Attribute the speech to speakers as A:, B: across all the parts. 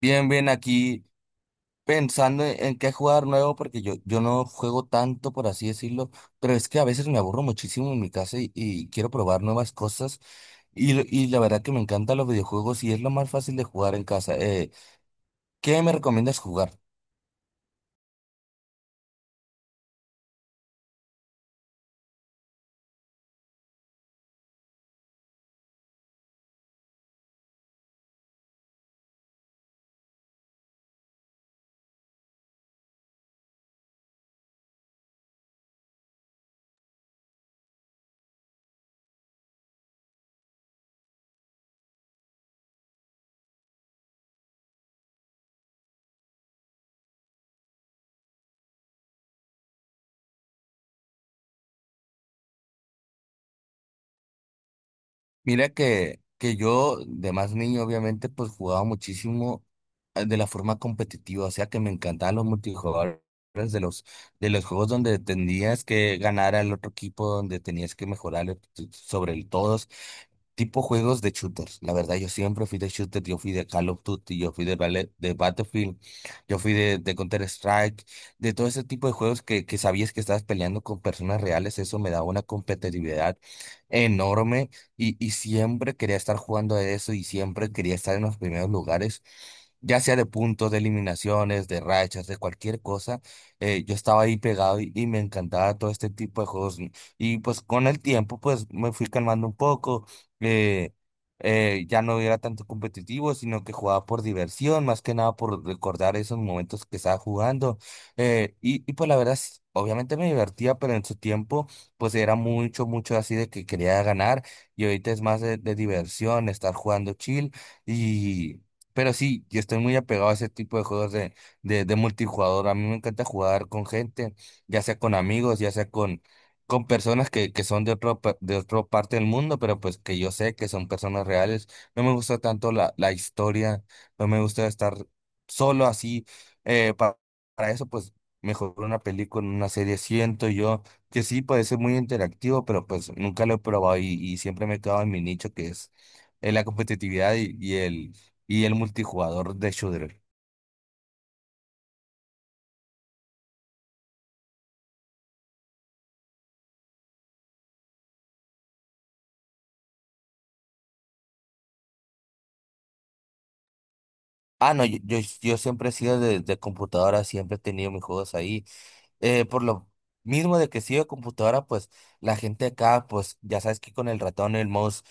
A: Bien, bien, aquí pensando en qué jugar nuevo, porque yo no juego tanto, por así decirlo, pero es que a veces me aburro muchísimo en mi casa y quiero probar nuevas cosas. Y la verdad que me encantan los videojuegos y es lo más fácil de jugar en casa. ¿Qué me recomiendas jugar? Mira que yo de más niño obviamente pues jugaba muchísimo, de la forma competitiva, o sea que me encantaban los multijugadores de los de los juegos donde tenías que ganar al otro equipo, donde tenías que mejorar sobre el todo. Tipo juegos de shooters. La verdad, yo siempre fui de shooter. Yo fui de Call of Duty, yo fui de Battlefield, yo fui de Counter-Strike, de todo ese tipo de juegos que sabías que estabas peleando con personas reales. Eso me daba una competitividad enorme, y siempre quería estar jugando a eso y siempre quería estar en los primeros lugares, ya sea de puntos, de eliminaciones, de rachas, de cualquier cosa. Yo estaba ahí pegado, y me encantaba todo este tipo de juegos. Y pues con el tiempo, pues me fui calmando un poco eh, ya no era tanto competitivo, sino que jugaba por diversión, más que nada por recordar esos momentos que estaba jugando. Y pues la verdad, sí, obviamente me divertía, pero en su tiempo, pues era mucho, mucho así de que quería ganar, y ahorita es más de diversión, estar jugando chill, y... Pero sí, yo estoy muy apegado a ese tipo de juegos de multijugador. A mí me encanta jugar con gente, ya sea con amigos, ya sea con personas que son de otro, pa- de otra parte del mundo, pero pues que yo sé que son personas reales. No me gusta tanto la historia, no me gusta estar solo así. eh, pa- para eso, pues mejor una película, una serie. Siento yo que sí puede ser muy interactivo, pero pues nunca lo he probado, y siempre me he quedado en mi nicho que es la competitividad y el multijugador de shooter. Ah, no, yo siempre he sido de computadora, siempre he tenido mis juegos ahí. Por lo mismo de que sí computadora, pues la gente acá, pues ya sabes que con el ratón y el mouse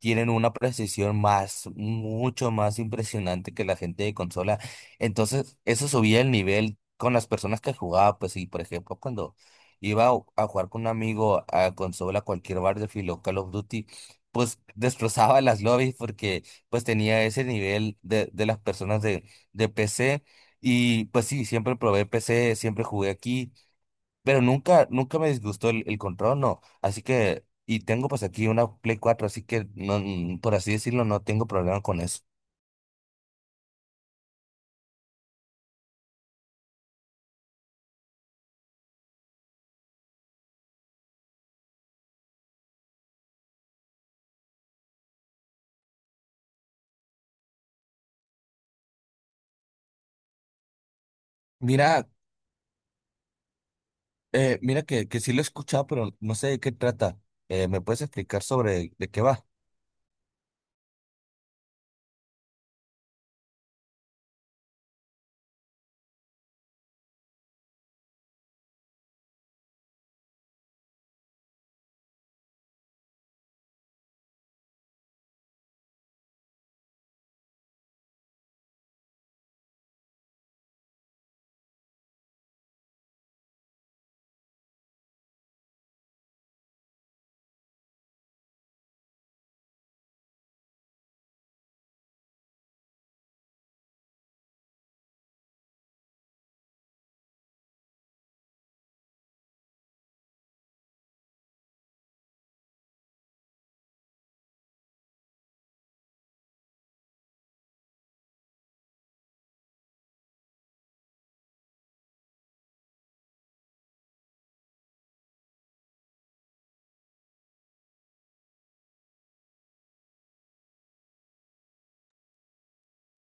A: tienen una precisión más, mucho más impresionante que la gente de consola. Entonces, eso subía el nivel con las personas que jugaba, pues, y por ejemplo, cuando iba a jugar con un amigo a consola, cualquier Battlefield o Call of Duty, pues destrozaba las lobbies porque pues tenía ese nivel de las personas de PC. Y pues sí, siempre probé PC, siempre jugué aquí. Pero nunca, nunca me disgustó el control, no. Así que, y tengo pues aquí una Play cuatro, así que no, por así decirlo, no tengo problema con eso. Mira, mira que sí lo he escuchado, pero no sé de qué trata. ¿Me puedes explicar sobre de qué va?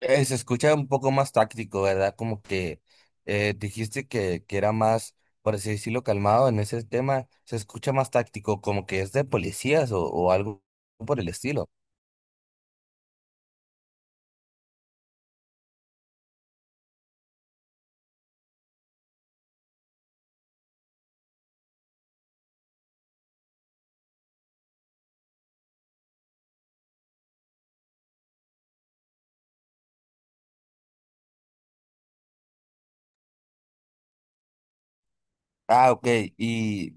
A: Se escucha un poco más táctico, ¿verdad? Como que dijiste que era más, por así decirlo, calmado en ese tema. Se escucha más táctico, como que es de policías o algo por el estilo. Ah, ok. Y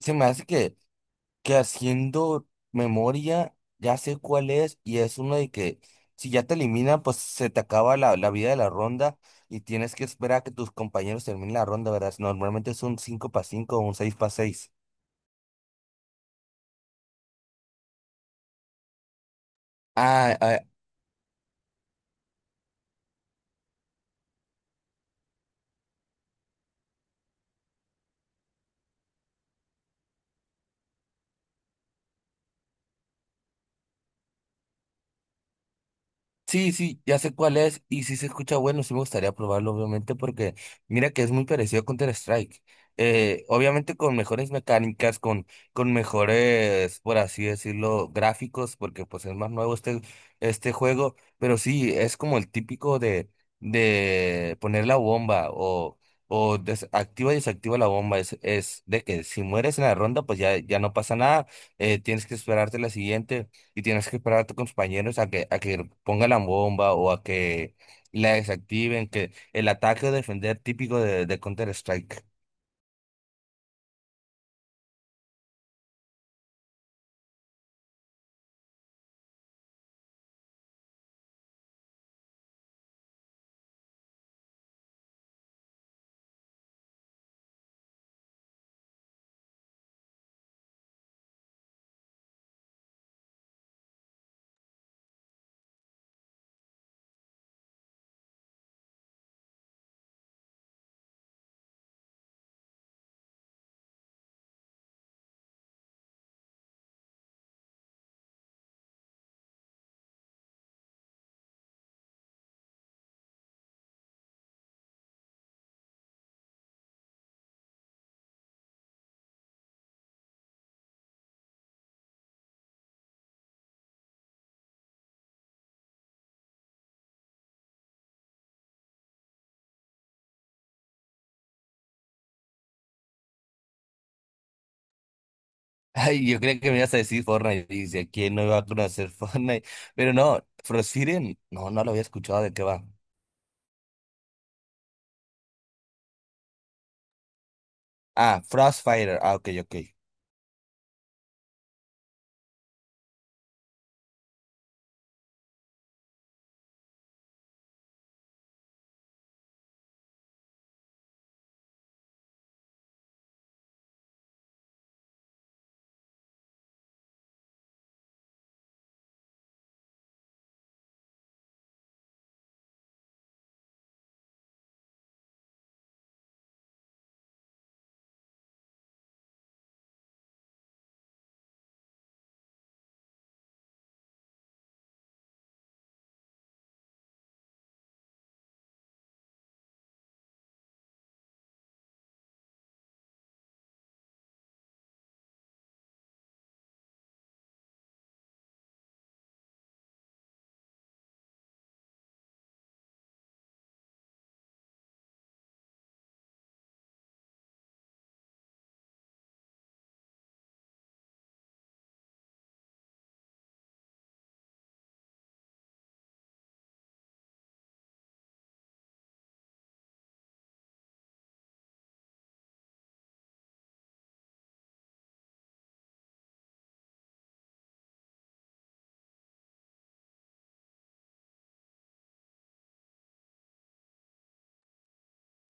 A: se me hace que haciendo memoria ya sé cuál es, y es uno de que si ya te eliminan, pues se te acaba la vida de la ronda y tienes que esperar a que tus compañeros terminen la ronda, ¿verdad? Normalmente es un 5 para 5 o un 6 para 6. Sí, sí, ya sé cuál es y sí se escucha bueno, sí me gustaría probarlo obviamente porque mira que es muy parecido a Counter-Strike. Obviamente con mejores mecánicas, con mejores, por así decirlo, gráficos, porque pues es más nuevo este juego, pero sí, es como el típico de poner la bomba o des- activa y desactiva la bomba. Es de que si mueres en la ronda pues ya no pasa nada, tienes que esperarte la siguiente y tienes que esperar a tus compañeros a que pongan la bomba o a que la desactiven, que el ataque o defender típico de Counter-Strike. Ay, yo creía que me ibas a decir Fortnite, y dice, ¿quién no iba a conocer Fortnite? Pero no, Frostfire, no, no lo había escuchado de qué va. Ah, Frostfire, ah, ok, ok.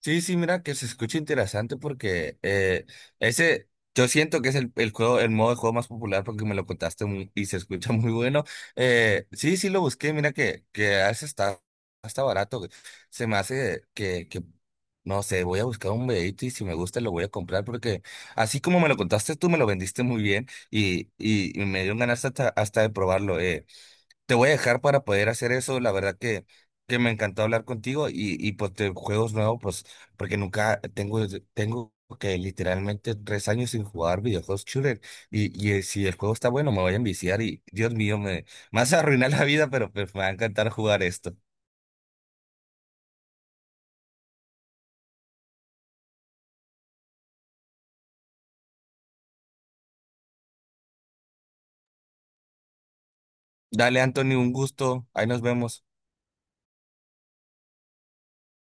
A: Sí, sí, mira que se escucha interesante porque ese, yo siento que es el juego, el modo de juego más popular porque me lo contaste y se escucha muy bueno. Sí, sí lo busqué, mira que a veces está barato. Se me hace no sé, voy a buscar un videito y si me gusta lo voy a comprar porque así como me lo contaste tú, me lo vendiste muy bien, y me dieron ganas hasta de probarlo. Te voy a dejar para poder hacer eso. La verdad que me encantó hablar contigo, y pues de juegos nuevos, pues porque nunca tengo que literalmente 3 años sin jugar videojuegos shooter, y si el juego está bueno me voy a enviciar y Dios mío, me vas a arruinar la vida, pero pues me va a encantar jugar esto. Dale, Anthony, un gusto. Ahí nos vemos.